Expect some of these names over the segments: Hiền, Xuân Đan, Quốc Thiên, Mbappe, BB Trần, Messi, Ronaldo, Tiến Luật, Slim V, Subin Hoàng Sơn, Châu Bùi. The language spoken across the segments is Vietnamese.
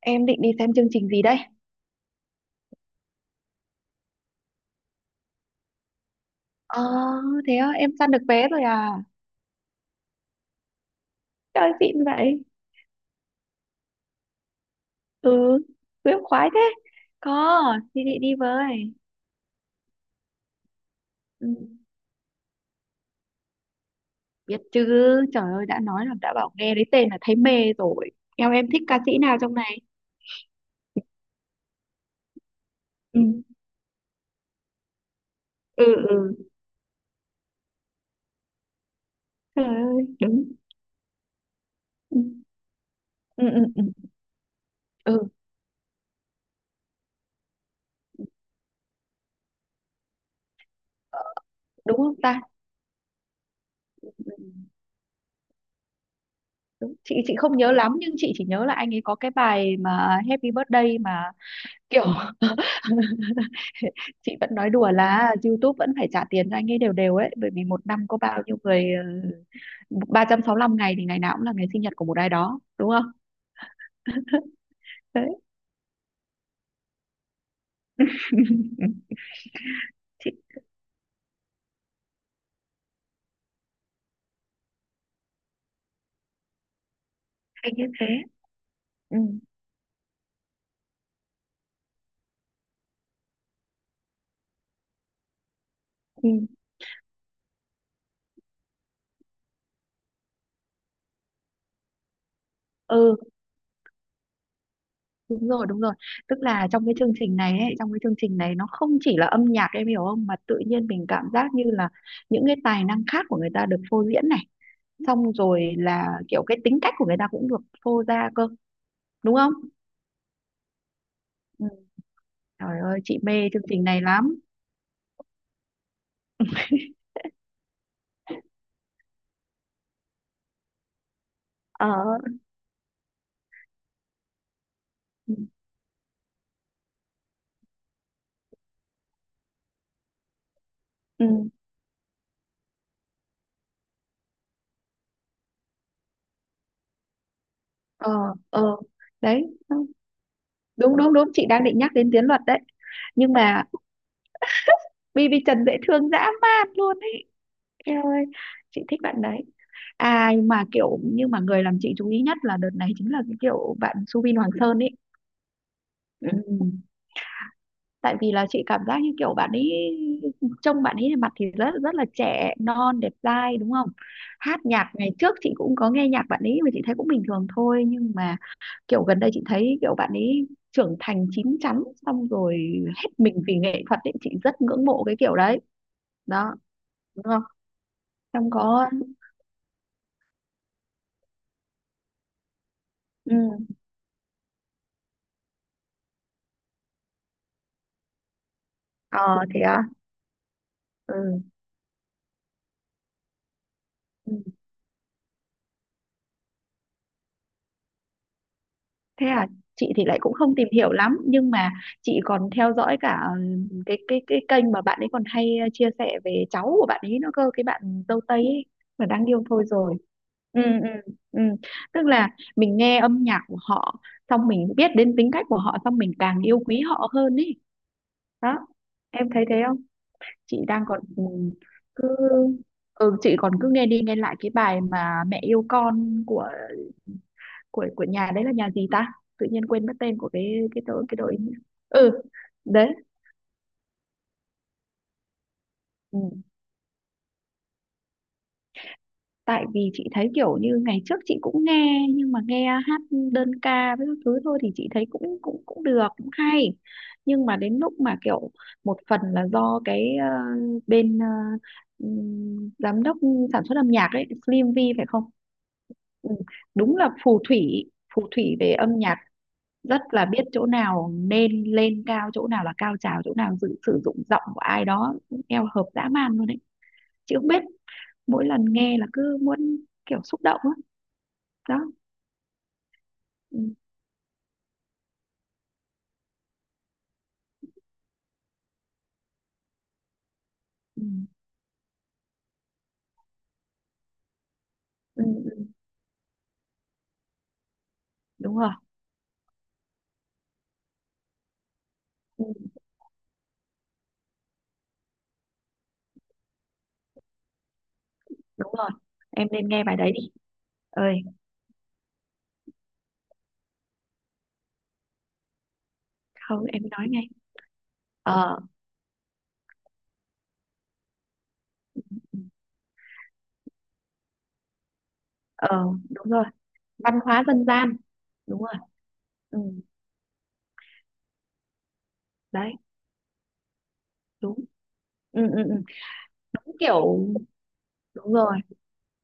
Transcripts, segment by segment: Em định đi xem chương trình gì đây? Ờ, thế á, em săn được vé rồi à? Trời xịn vậy. Ừ, em khoái thế. Có, thì chị đi với. Ừ, biết chứ, trời ơi, đã nói là đã bảo nghe đến tên là thấy mê rồi. Em thích ca sĩ nào trong này? Ừ, ừ, ừ. Trời ơi, đúng. Ừ, ừ, ừ, ừ, ừ, đúng không ta? Ừ, đúng. Chị không nhớ lắm nhưng chị chỉ nhớ là anh ấy có cái bài mà Happy Birthday, mà kiểu chị vẫn nói đùa là YouTube vẫn phải trả tiền cho anh ấy đều đều ấy, bởi vì một năm có bao nhiêu người, ờ, 365 ngày thì ngày nào cũng là ngày sinh nhật của một ai đó, đúng không? Đấy. Ừ. Chị thấy như thế. Ừ. Ừ, ừ đúng rồi, đúng rồi, tức là trong cái chương trình này ấy, trong cái chương trình này nó không chỉ là âm nhạc, em hiểu không, mà tự nhiên mình cảm giác như là những cái tài năng khác của người ta được phô diễn này, xong rồi là kiểu cái tính cách của người ta cũng được phô ra cơ, đúng không? Ừ. Trời ơi chị mê chương trình này lắm. Ờ. Ừ, ừ. Ờ. Ờ. Đấy. Đúng đúng đúng, chị đang định nhắc đến Tiến Luật đấy. Nhưng mà BB Trần dễ thương dã man luôn ấy. Eo ơi, chị thích bạn đấy. Ai mà kiểu, nhưng mà người làm chị chú ý nhất là đợt này chính là cái kiểu bạn Subin Hoàng Sơn ấy. Ừ. Tại vì là chị cảm giác như kiểu bạn ấy, trông bạn ấy mặt thì rất rất là trẻ non đẹp dai, đúng không? Hát nhạc ngày trước chị cũng có nghe nhạc bạn ấy mà chị thấy cũng bình thường thôi, nhưng mà kiểu gần đây chị thấy kiểu bạn ấy trưởng thành chín chắn, xong rồi hết mình vì nghệ thuật ấy, chị rất ngưỡng mộ cái kiểu đấy. Đó, đúng không? Xong có. Ừ. Ờ thế à. Ừ. Ừ. Thế à, chị thì lại cũng không tìm hiểu lắm nhưng mà chị còn theo dõi cả ừ, cái kênh mà bạn ấy còn hay ờ, chia sẻ về cháu của bạn ấy nữa cơ, cái bạn dâu Tây ấy mà đáng yêu thôi rồi. Ừ ừ ừ. Tức là mình nghe âm nhạc của họ, xong mình biết đến tính cách của họ, xong mình càng yêu quý họ hơn ý. Đó, em thấy thế không? Chị đang còn ừ, cứ ừ, chị còn cứ nghe đi nghe lại cái bài mà mẹ yêu con của của nhà đấy, là nhà gì ta, tự nhiên quên mất tên của cái đội, cái đội nhỉ? Ừ đấy. Ừ. Tại vì chị thấy kiểu như ngày trước chị cũng nghe nhưng mà nghe hát đơn ca với các thứ thôi thì chị thấy cũng cũng cũng được, cũng hay, nhưng mà đến lúc mà kiểu một phần là do cái ờ, bên ờ, giám đốc sản xuất âm nhạc ấy Slim V phải không? Ừ. Đúng là phù thủy, phù thủy về âm nhạc, rất là biết chỗ nào nên lên cao, chỗ nào là cao trào, chỗ nào dự, sử dụng giọng của ai đó eo hợp dã man luôn đấy. Chị không biết, mỗi lần nghe là cứ muốn kiểu xúc động á. Đó. Ừ, ừ, ừ, ừ, đúng rồi. Ừ, đúng rồi, em nên nghe bài đấy đi. Ơi, không em nói ngay. Ờ. Ờ, đúng rồi, văn hóa dân gian. Đúng rồi. Ừ, đấy. Đúng. Ừ, ừ, ừ. Đúng kiểu, đúng rồi,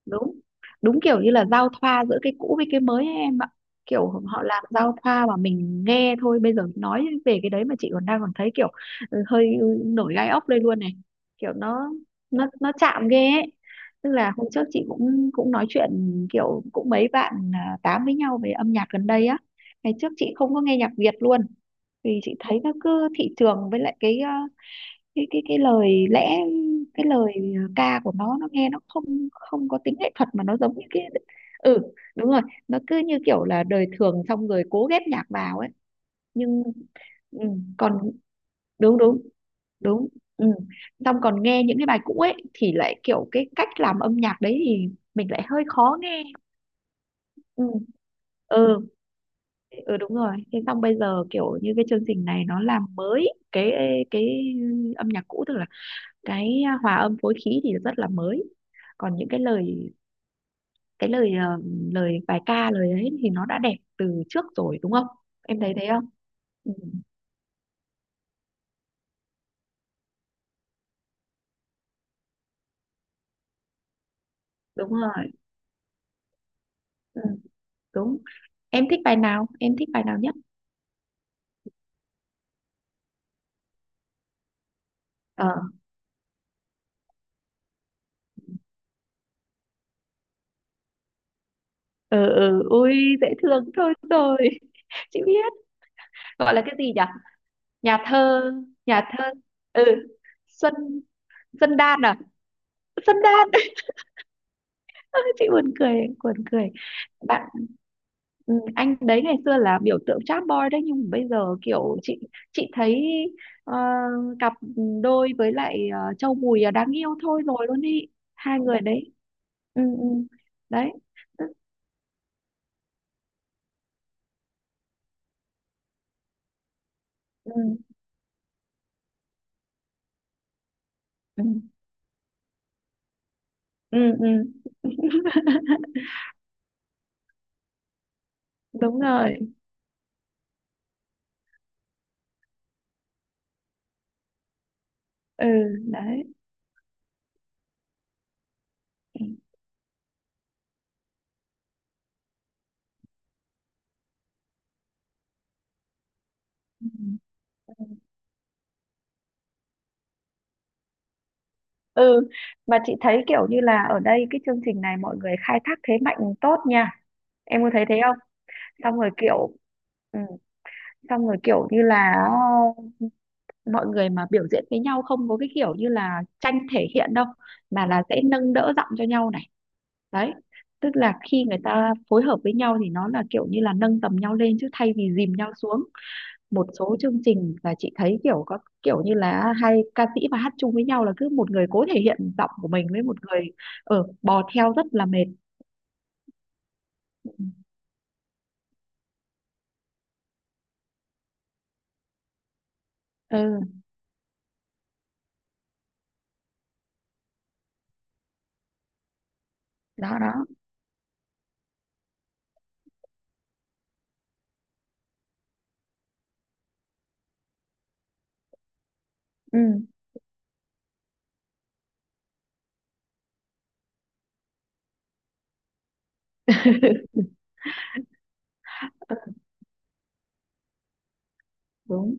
đúng, đúng kiểu như là giao thoa giữa cái cũ với cái mới ấy em ạ. Kiểu họ làm giao thoa mà mình nghe thôi, bây giờ nói về cái đấy mà chị còn đang còn thấy kiểu ừ, hơi nổi gai ốc đây luôn này. Kiểu nó nó chạm ghê ấy. Tức là hôm trước chị cũng cũng nói chuyện, kiểu cũng mấy bạn à, tám với nhau về âm nhạc gần đây á. Ngày trước chị không có nghe nhạc Việt luôn, vì chị thấy nó cứ thị trường, với lại cái à, cái lời lẽ, cái lời à, ca của nó nghe nó không, không có tính nghệ thuật mà nó giống như cái ừ đúng rồi, nó cứ như kiểu là đời thường xong rồi cố ghép nhạc vào ấy. Nhưng ừ, còn đúng đúng đúng. Ừ. Xong còn nghe những cái bài cũ ấy thì lại kiểu cái cách làm âm nhạc đấy thì mình lại hơi khó nghe. Ừ ừ, ừ đúng rồi, thế xong bây giờ kiểu như cái chương trình này nó làm mới cái cái âm nhạc cũ, tức là cái à, hòa âm phối khí thì rất là mới, còn những cái lời, cái lời à, lời bài ca lời ấy thì nó đã đẹp từ trước rồi, đúng không? Em thấy thế không? Ừ, đúng rồi. Ừ, đúng. Em thích bài nào, em thích bài nào nhất? Ờ. Ừ, ừ ui dễ thương thôi rồi chị biết, gọi là cái gì nhỉ, nhà thơ, nhà thơ, ừ xuân. Xuân Đan à, Xuân Đan. Chị buồn cười, buồn cười bạn. Ừ, anh đấy ngày xưa là biểu tượng chap boy đấy. Nhưng mà bây giờ kiểu chị thấy ờ, cặp đôi với lại ờ, Châu Bùi là đáng yêu thôi rồi luôn đi hai người đấy. Ừ, ừ. Đấy. Ừ, ừ, ừ, ừ. Đúng rồi. Ừ đấy. Ừ. Ừ. Ừ, mà chị thấy kiểu như là ở đây cái chương trình này mọi người khai thác thế mạnh tốt nha. Em có thấy thế không? Xong rồi kiểu ừ, xong rồi kiểu như là ờ, mọi người mà biểu diễn với nhau không có cái kiểu như là tranh thể hiện đâu, mà là sẽ nâng đỡ giọng cho nhau này. Đấy, tức là khi người ta phối hợp với nhau thì nó là kiểu như là nâng tầm nhau lên chứ thay vì dìm nhau xuống. Một số chương trình là chị thấy kiểu có kiểu như là hai ca sĩ mà hát chung với nhau là cứ một người cố thể hiện giọng của mình với một người ở bò theo rất là mệt. Ừ. Đó đó. Ừ. Đúng.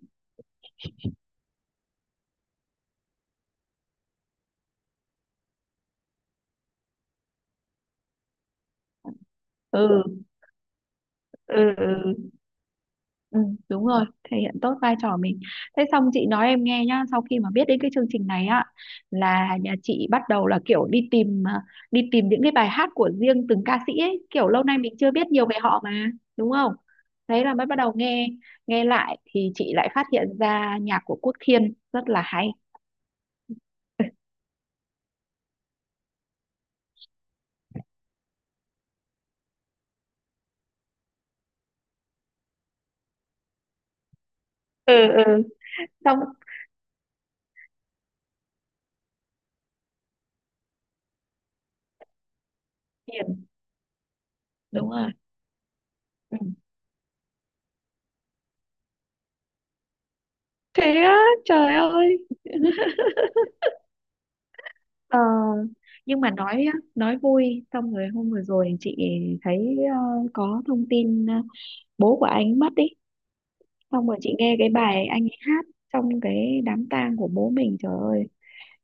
Ừ ừ ừ. Ừ, đúng rồi, thể hiện tốt vai trò mình. Thế xong chị nói em nghe nhá, sau khi mà biết đến cái chương trình này á là nhà chị bắt đầu là kiểu đi tìm à, đi tìm những cái bài hát của riêng từng ca sĩ ấy, kiểu lâu nay mình chưa biết nhiều về họ mà, đúng không? Thế là mới bắt đầu nghe, nghe lại thì chị lại phát hiện ra nhạc của Quốc Thiên rất là hay. Ừ ừ. Xong Hiền, đúng rồi. Ừ. Thế á, trời ơi. Ờ, nhưng mà nói á, nói vui. Xong rồi hôm vừa rồi chị thấy ờ, có thông tin ờ, bố của anh mất ý. Xong rồi chị nghe cái bài anh ấy hát trong cái đám tang của bố mình, trời ơi,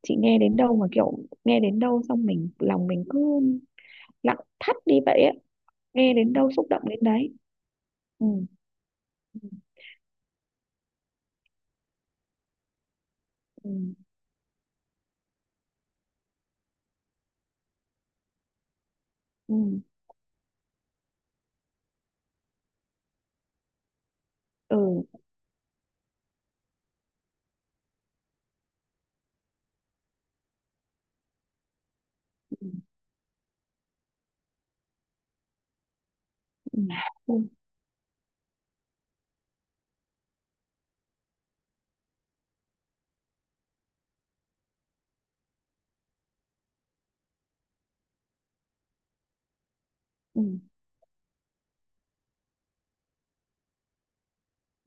chị nghe đến đâu mà kiểu nghe đến đâu xong mình, lòng mình cứ lặng thắt đi vậy á. Nghe đến đâu xúc động đến đấy. Ừ ừ ừ ừ ừ ừ, ừ, ừ, ừ,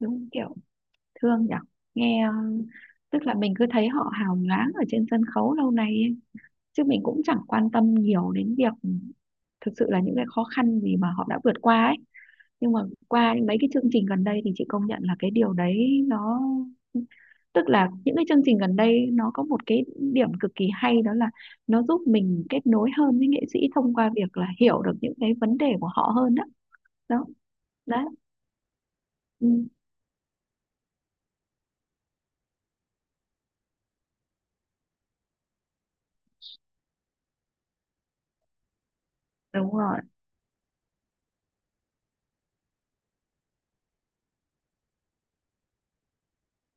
đúng kiểu thương nhở. Nghe tức là mình cứ thấy họ hào nhoáng ở trên sân khấu lâu nay ấy. Chứ mình cũng chẳng quan tâm nhiều đến việc thực sự là những cái khó khăn gì mà họ đã vượt qua ấy. Nhưng mà qua mấy cái chương trình gần đây thì chị công nhận là cái điều đấy nó, tức là những cái chương trình gần đây nó có một cái điểm cực kỳ hay, đó là nó giúp mình kết nối hơn với nghệ sĩ thông qua việc là hiểu được những cái vấn đề của họ hơn. Đó đó, đó. Ừ, đúng rồi.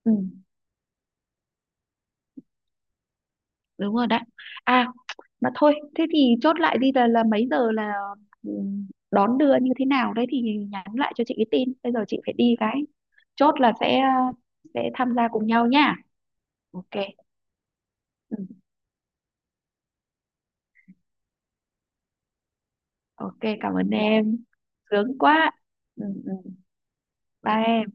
Ừ. Đúng rồi đấy. À, mà thôi thế thì chốt lại đi, là mấy giờ là ừ, đón đưa như thế nào đấy thì nhắn lại cho chị cái tin, bây giờ chị phải đi cái, chốt là sẽ tham gia cùng nhau nha. Ok. Ừ. Ok, cảm ơn em. Sướng quá. Ừ, ừ. Bye em